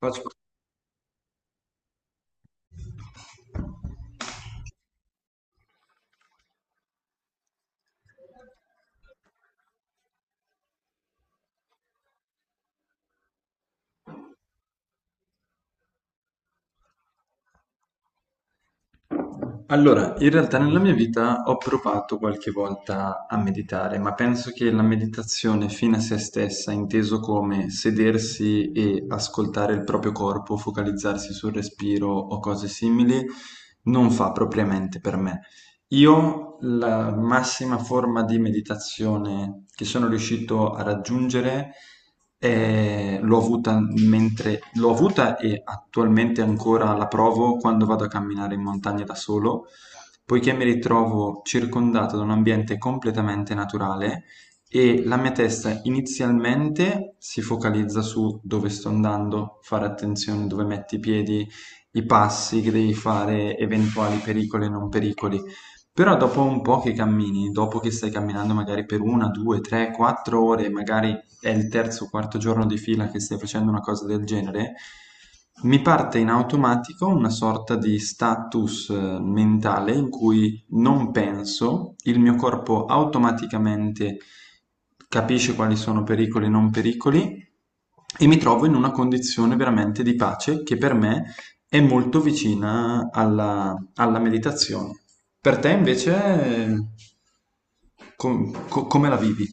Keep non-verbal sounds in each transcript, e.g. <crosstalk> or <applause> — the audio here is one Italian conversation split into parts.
Faccio- Allora, in realtà nella mia vita ho provato qualche volta a meditare, ma penso che la meditazione fine a se stessa, inteso come sedersi e ascoltare il proprio corpo, focalizzarsi sul respiro o cose simili, non fa propriamente per me. Io la massima forma di meditazione che sono riuscito a raggiungere l'ho avuta mentre l'ho avuta e attualmente ancora la provo quando vado a camminare in montagna da solo, poiché mi ritrovo circondato da un ambiente completamente naturale e la mia testa inizialmente si focalizza su dove sto andando, fare attenzione dove metti i piedi, i passi che devi fare, eventuali pericoli e non pericoli. Però dopo un po' che cammini, dopo che stai camminando magari per una, due, tre, quattro ore, magari è il terzo o quarto giorno di fila che stai facendo una cosa del genere, mi parte in automatico una sorta di status mentale in cui non penso, il mio corpo automaticamente capisce quali sono pericoli e non pericoli e mi trovo in una condizione veramente di pace che per me è molto vicina alla meditazione. Per te invece come la vivi?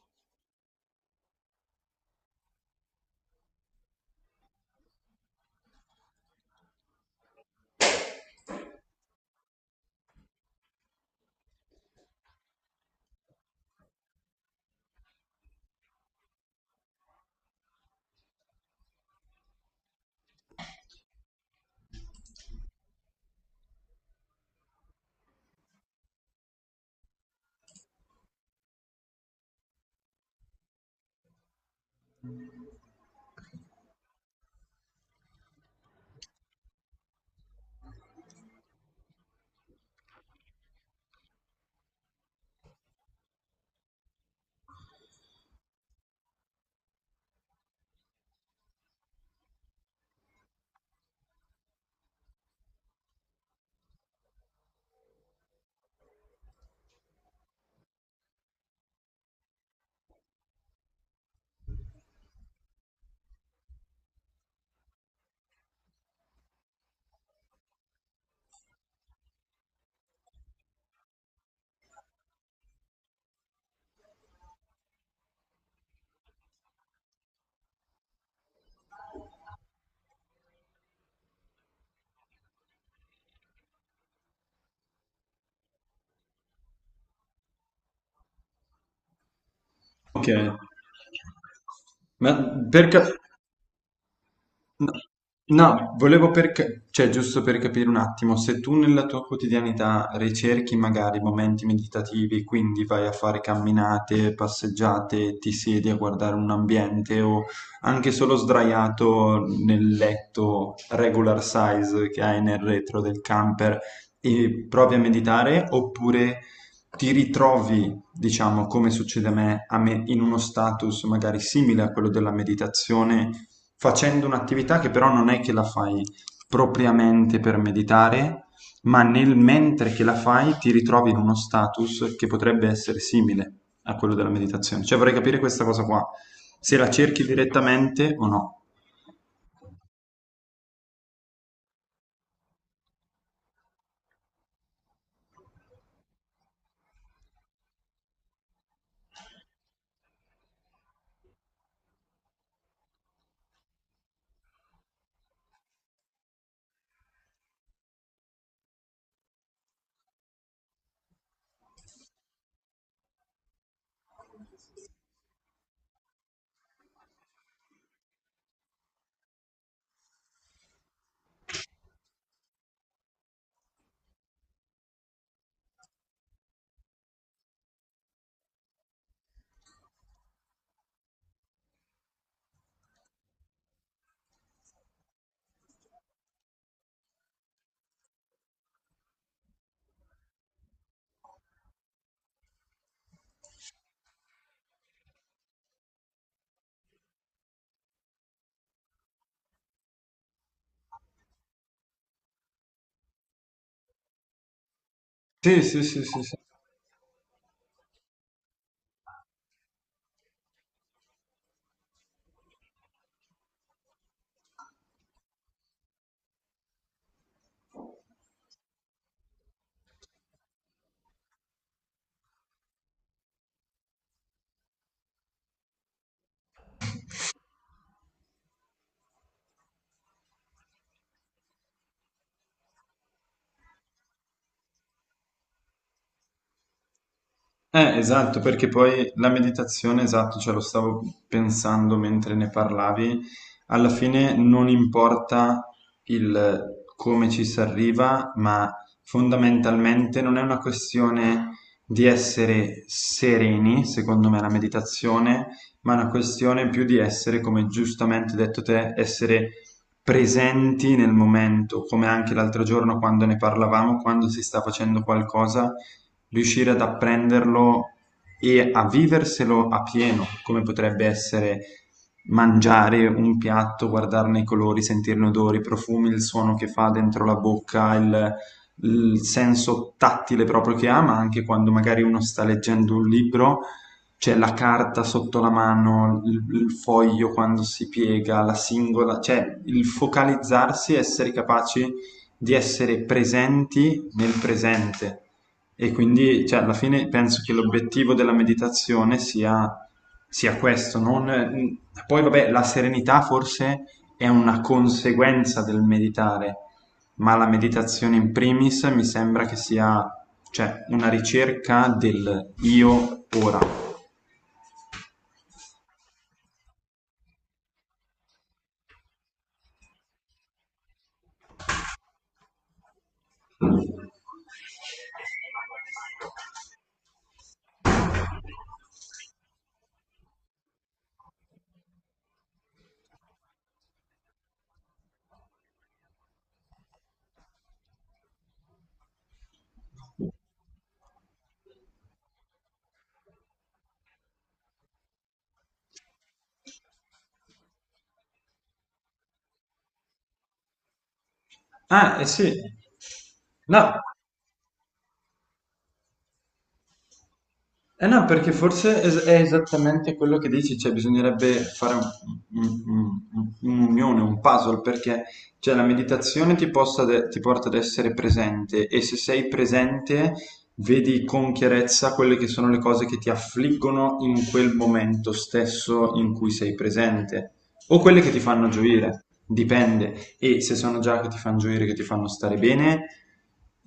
Ok. Ma per, ca- no, no, cioè giusto per capire un attimo, se tu nella tua quotidianità ricerchi magari momenti meditativi, quindi vai a fare camminate, passeggiate, ti siedi a guardare un ambiente o anche solo sdraiato nel letto regular size che hai nel retro del camper e provi a meditare, oppure ti ritrovi diciamo, come succede a me in uno status magari simile a quello della meditazione, facendo un'attività che però non è che la fai propriamente per meditare, ma nel mentre che la fai ti ritrovi in uno status che potrebbe essere simile a quello della meditazione. Cioè vorrei capire questa cosa qua, se la cerchi direttamente o no. Sì, sì, sì, sì, sì. Esatto, perché poi la meditazione, esatto, ce lo stavo pensando mentre ne parlavi, alla fine non importa il come ci si arriva, ma fondamentalmente non è una questione di essere sereni, secondo me, la meditazione, ma è una questione più di essere, come giustamente hai detto te, essere presenti nel momento, come anche l'altro giorno quando ne parlavamo, quando si sta facendo qualcosa riuscire ad apprenderlo e a viverselo a pieno, come potrebbe essere mangiare un piatto, guardarne i colori, sentirne odori, i profumi, il suono che fa dentro la bocca, il senso tattile proprio che ha, ma anche quando magari uno sta leggendo un libro, c'è la carta sotto la mano, il foglio quando si piega, la singola, cioè il focalizzarsi, essere capaci di essere presenti nel presente e quindi, cioè, alla fine penso che l'obiettivo della meditazione sia questo. Poi, vabbè, la serenità forse è una conseguenza del meditare, ma la meditazione in primis mi sembra che sia, cioè, una ricerca del io ora. Ah, eh sì. No, eh no, perché è esattamente quello che dici, cioè bisognerebbe fare un- un'unione, un puzzle, perché cioè, la meditazione ti, possa de- ti porta ad essere presente e se sei presente vedi con chiarezza quelle che sono le cose che ti affliggono in quel momento stesso in cui sei presente o quelle che ti fanno gioire, dipende. E se sono già che ti fanno gioire, che ti fanno stare bene,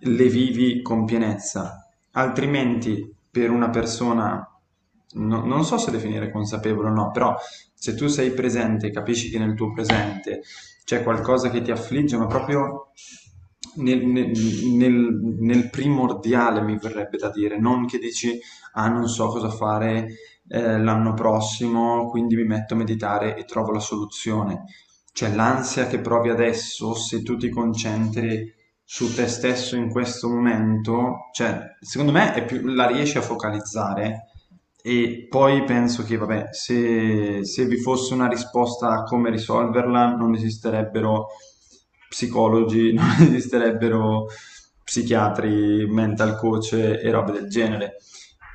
le vivi con pienezza. Altrimenti, per una persona, non so se definire consapevole o no, però se tu sei presente, capisci che nel tuo presente c'è qualcosa che ti affligge, ma proprio nel, nel- nel primordiale, mi verrebbe da dire, non che dici, ah, non so cosa fare l'anno prossimo, quindi mi metto a meditare e trovo la soluzione. Cioè l'ansia che provi adesso, se tu ti concentri su te stesso in questo momento, cioè, secondo me è più, la riesci a focalizzare e poi penso che, vabbè, se vi fosse una risposta a come risolverla, non esisterebbero psicologi, <laughs> esisterebbero psichiatri, mental coach e robe del genere.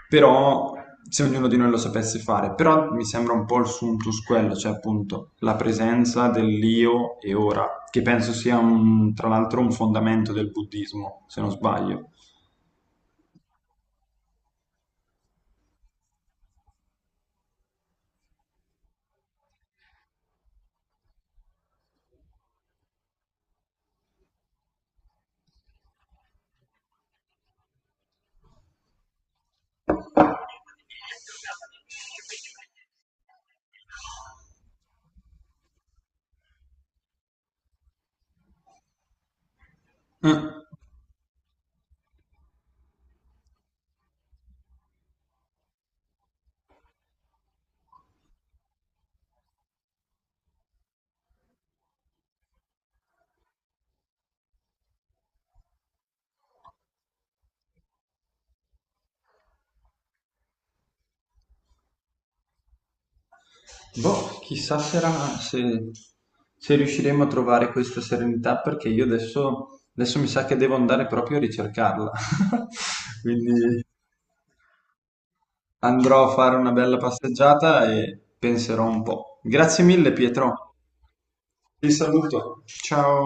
Però se ognuno di noi lo sapesse fare, però mi sembra un po' il suntus quello, cioè appunto la presenza dell'io e ora, che penso sia tra l'altro un fondamento del buddismo, se non sbaglio. Eh, boh, chissà sarà se, se riusciremo a trovare questa serenità, perché io adesso, adesso mi sa che devo andare proprio a ricercarla. <laughs> Quindi... Andrò a fare una bella passeggiata e penserò un po'. Grazie mille, Pietro. Ti saluto. Ciao.